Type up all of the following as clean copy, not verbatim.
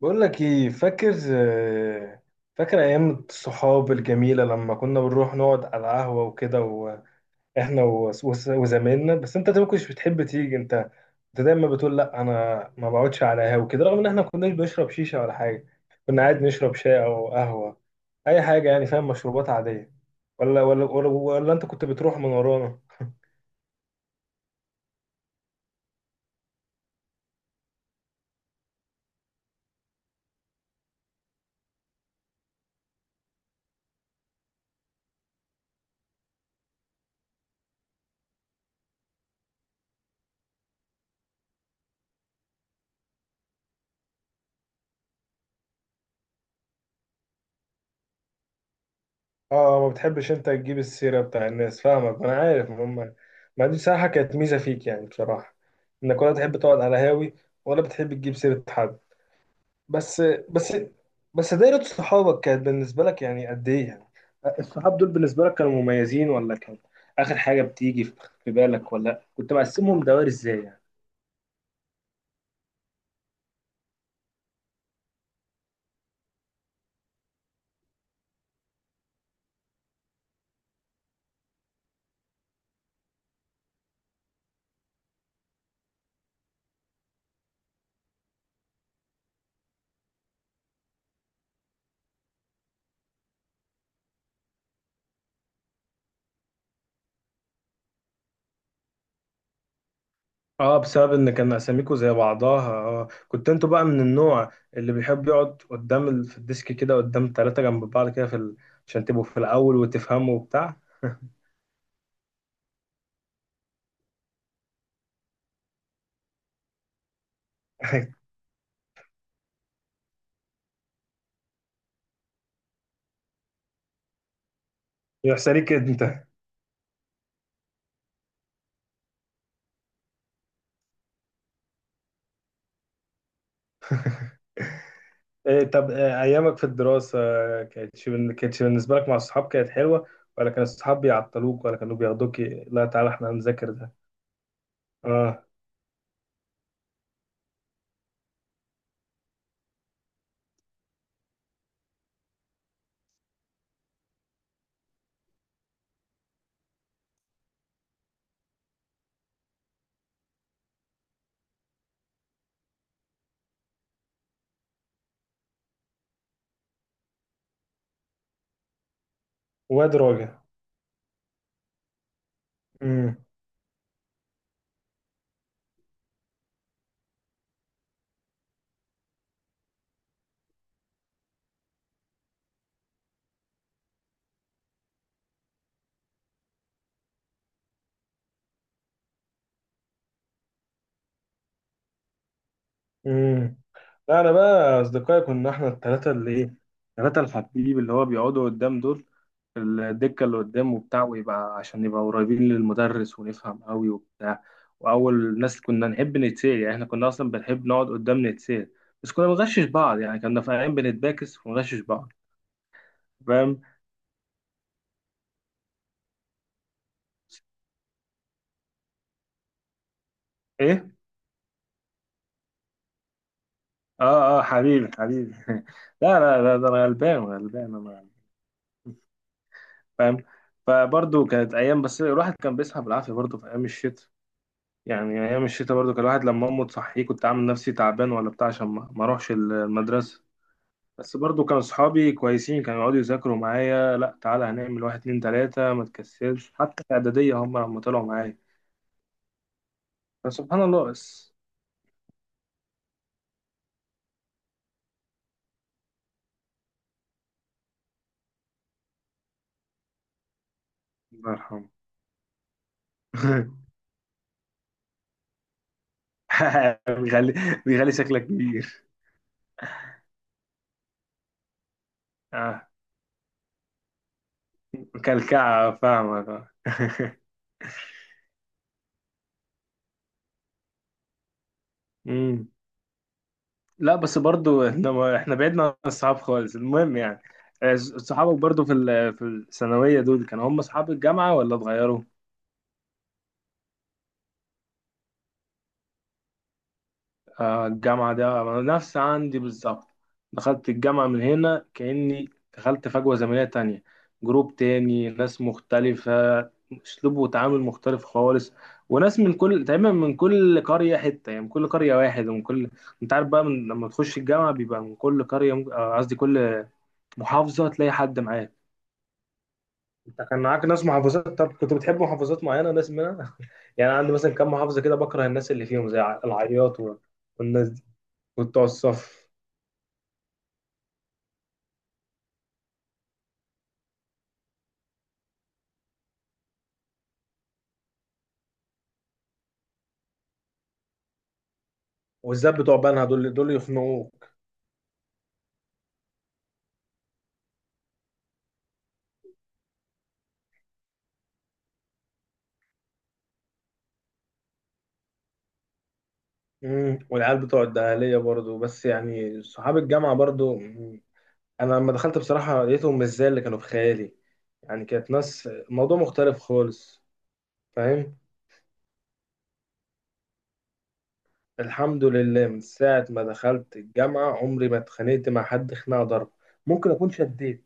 بقول لك ايه فاكر فاكر ايام الصحاب الجميله لما كنا بنروح نقعد على القهوه وكده واحنا وزمايلنا. بس انت طيب ما كنتش بتحب تيجي، انت دايما بتقول لا انا ما بقعدش على قهوه وكده، رغم ان احنا ما كناش بنشرب شيشه ولا حاجه، كنا قاعد نشرب شاي او قهوه، اي حاجه يعني، فاهم، مشروبات عاديه. ولا انت كنت بتروح من ورانا؟ اه، ما بتحبش انت تجيب السيرة بتاع الناس، فاهمك انا عارف ما هم. ما دي بصراحة كانت ميزة فيك يعني، بصراحة انك ولا تحب تقعد على هاوي ولا بتحب تجيب سيرة حد. بس بس بس دايرة صحابك كانت بالنسبة لك يعني قد ايه يعني؟ الصحاب دول بالنسبة لك كانوا مميزين، ولا كان اخر حاجة بتيجي في بالك، ولا كنت مقسمهم دوائر ازاي يعني؟ اه، بسبب ان كان اساميكو زي بعضها. اه، كنت انتوا بقى من النوع اللي بيحب يقعد قدام في الديسك كده قدام 3 جنب بعض كده في عشان تبقوا في الاول وتفهموا وبتاع. يحصل ليك انت. إيه طب، ايامك في الدراسة كانتش بالنسبة لك مع الصحاب كانت حلوة، ولا كان الصحاب بيعطلوك، ولا كانوا بياخدوك، لا تعالى احنا هنذاكر ده؟ اه، واد راجع. امم امم لا، انا بقى اصدقائي كنا احنا الثلاثة اللي ايه، الثلاثة الحبيب اللي هو بيقعدوا قدام دول، الدكة اللي قدام وبتاع، ويبقى عشان نبقى قريبين للمدرس ونفهم قوي وبتاع، وأول ناس كنا نحب نتسال. يعني احنا كنا أصلا بنحب نقعد قدام نتسال، بس كنا بنغشش بعض، يعني كنا في أيام بنتباكس ونغشش بعض، فاهم. إيه؟ آه آه، حبيبي حبيبي. لا لا لا، ده أنا غلبان غلبان أنا، فاهم. فبرضه كانت أيام، بس الواحد كان بيصحى بالعافية برضه في أيام الشتاء، يعني أيام الشتاء برضه كان الواحد لما أمه تصحيه كنت عامل نفسي تعبان ولا بتاع عشان ما أروحش المدرسة. بس برضو كان صحابي كويسين، كانوا يقعدوا يذاكروا معايا لا تعالى هنعمل واحد اتنين تلاتة ما تكسلش، حتى في إعدادية هم لما طلعوا معايا، فسبحان الله. بس الله يرحمه. بيغلي، بيغلي شكلك كبير. اه، مكلكعة فاهمك اه. مم. لا بس برضو احنا، احنا بعدنا عن الصحاب خالص، المهم يعني صحابك برضو في الثانوية دول كانوا هم صحاب الجامعة، ولا اتغيروا؟ الجامعة ده أنا نفس عندي بالظبط، دخلت الجامعة من هنا كأني دخلت فجوة زمنية تانية، جروب تاني، ناس مختلفة، أسلوب وتعامل مختلف خالص، وناس من كل تقريبا من كل قرية حتة، يعني من كل قرية واحد، ومن كل، أنت عارف بقى لما تخش الجامعة بيبقى من كل قرية قصدي كل محافظة تلاقي حد معاك. أنت كان معاك ناس محافظات، طب كنت بتحب محافظات معينة ناس منها؟ يعني عندي مثلا كام محافظة كده بكره الناس اللي فيهم، زي العياط والناس وبتوع الصف، والذات بتوع بنها دول، يخنقوك. والعيال بتوع الدهلية برضو، بس يعني صحاب الجامعة برضو. مم. أنا لما دخلت بصراحة لقيتهم مش زي اللي كانوا في خيالي، يعني كانت ناس موضوع مختلف خالص، فاهم. الحمد لله، من ساعة ما دخلت الجامعة عمري ما اتخانقت مع حد خناقة ضرب. ممكن أكون شديت،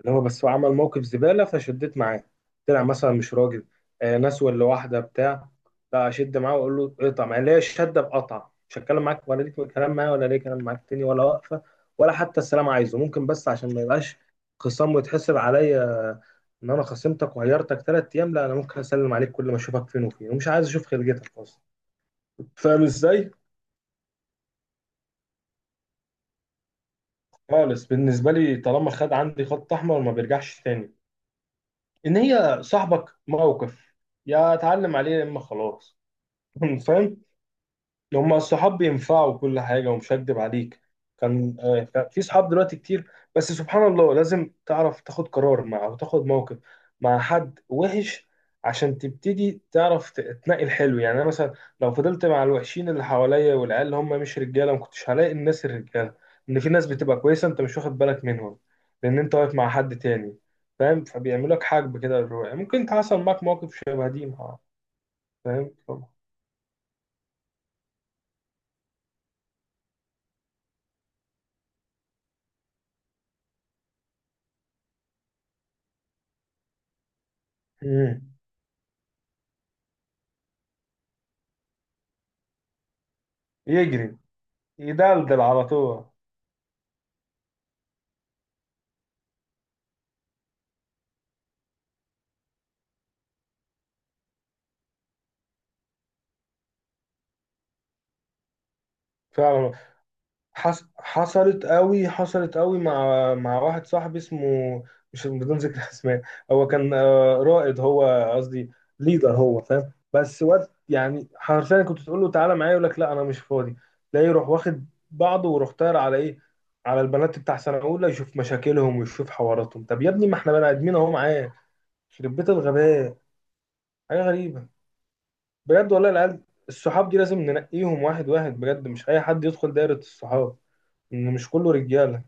اللي هو بس هو عمل موقف زبالة فشديت معاه، طلع مثلا مش راجل، آه، ناس ولا واحدة بتاع. لا أشد معاه وأقول له اقطع معايا ليه الشدة، بقطع مش هتكلم معاك ولا ليك كلام معايا، ولا ليه كلام معاك تاني، ولا واقفة ولا حتى السلام عايزه، ممكن بس عشان ما يبقاش خصام ويتحسب عليا إن أنا خصمتك وغيرتك 3 أيام، لا أنا ممكن أسلم عليك كل ما أشوفك، فين وفين، ومش عايز أشوف خلقتك أصلا، فاهم إزاي؟ خالص بالنسبة لي، طالما خد عندي خط أحمر ما بيرجعش تاني. ان هي صاحبك موقف يا اتعلم عليه يا اما خلاص. فاهم. هما الصحاب بينفعوا كل حاجة، ومش هكدب عليك، كان كان في صحاب دلوقتي كتير. بس سبحان الله، لازم تعرف تاخد قرار مع أو تاخد موقف مع حد وحش عشان تبتدي تعرف تنقي الحلو. يعني أنا مثلا لو فضلت مع الوحشين اللي حواليا والعيال اللي هم مش رجالة، ما كنتش هلاقي الناس الرجالة، إن في ناس بتبقى كويسة أنت مش واخد بالك منهم، لأن أنت واقف مع حد تاني، فاهم، فبيعملوا لك حاجب كده للروح. ممكن حصل معاك موقف شبه دي مع، فاهم طبعا. مم. يجري يدلدل على طول. فعلا. حصلت قوي، حصلت قوي مع واحد صاحبي اسمه، مش بدون ذكر اسماء. هو كان رائد هو قصدي ليدر، هو فاهم، بس وقت يعني حرفيا كنت تقول له تعالى معايا يقول لك لا انا مش فاضي، لا يروح واخد بعضه ويروح طاير على ايه، على البنات بتاع سنه اولى يشوف مشاكلهم ويشوف حواراتهم. طب يا ابني ما احنا بني ادمين اهو معاه، يخرب بيت الغباء. حاجه غريبه، بجد والله. العيال الصحاب دي لازم ننقيهم واحد واحد بجد، مش اي حد يدخل دايرة الصحاب، ان مش كله رجالة،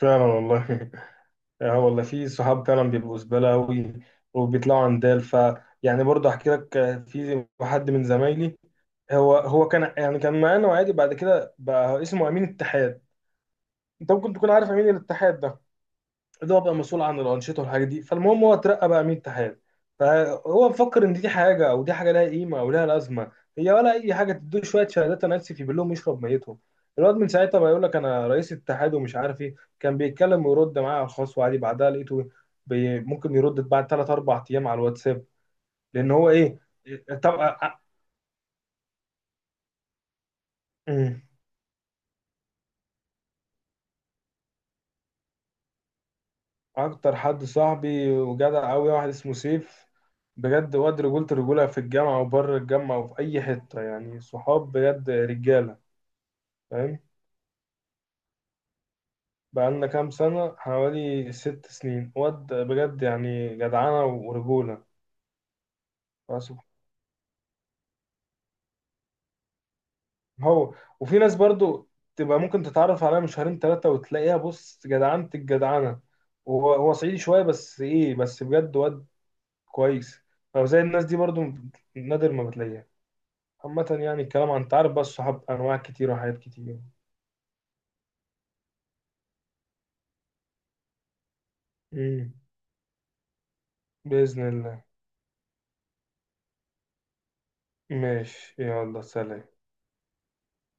فعلا والله. اه والله، في صحاب فعلا بيبقوا زبالة أوي وبيطلعوا عندال، يعني برضه أحكي لك في حد من زمايلي، هو كان يعني كان معانا وعادي، بعد كده بقى اسمه أمين اتحاد. أنت ممكن تكون عارف أمين الاتحاد ده، اللي هو بقى مسؤول عن الانشطه والحاجات دي. فالمهم هو اترقى بقى امين اتحاد، فهو مفكر ان دي حاجه او دي حاجه لها قيمه او لها لازمه هي ولا اي حاجه، تدوه شويه شهادات انا اسف يبين لهم يشرب ميتهم. الواد من ساعتها بقى يقول لك انا رئيس الاتحاد ومش عارف ايه، كان بيتكلم ويرد معايا على الخاص وعادي، بعدها لقيته بي ممكن يرد بعد ثلاث اربع ايام على الواتساب، لان هو ايه. طب، اكتر حد صاحبي وجدع قوي واحد اسمه سيف، بجد واد رجولة الرجولة في الجامعة وبره الجامعة وفي أي حتة، يعني صحاب بجد رجالة، فاهم. بقالنا كام سنة، حوالي 6 سنين، واد بجد يعني جدعانة ورجولة. فسبحان. هو، وفي ناس برضو تبقى ممكن تتعرف عليها من شهرين تلاتة وتلاقيها بص جدعانة الجدعانة. وهو صعيدي شوية، بس إيه، بس بجد واد كويس، فزي الناس دي برضو نادر ما بتلاقيها. عامة يعني الكلام، عن تعرف بقى الصحاب أنواع كتير وحاجات كتير. مم. بإذن الله. ماشي، يلا سلام.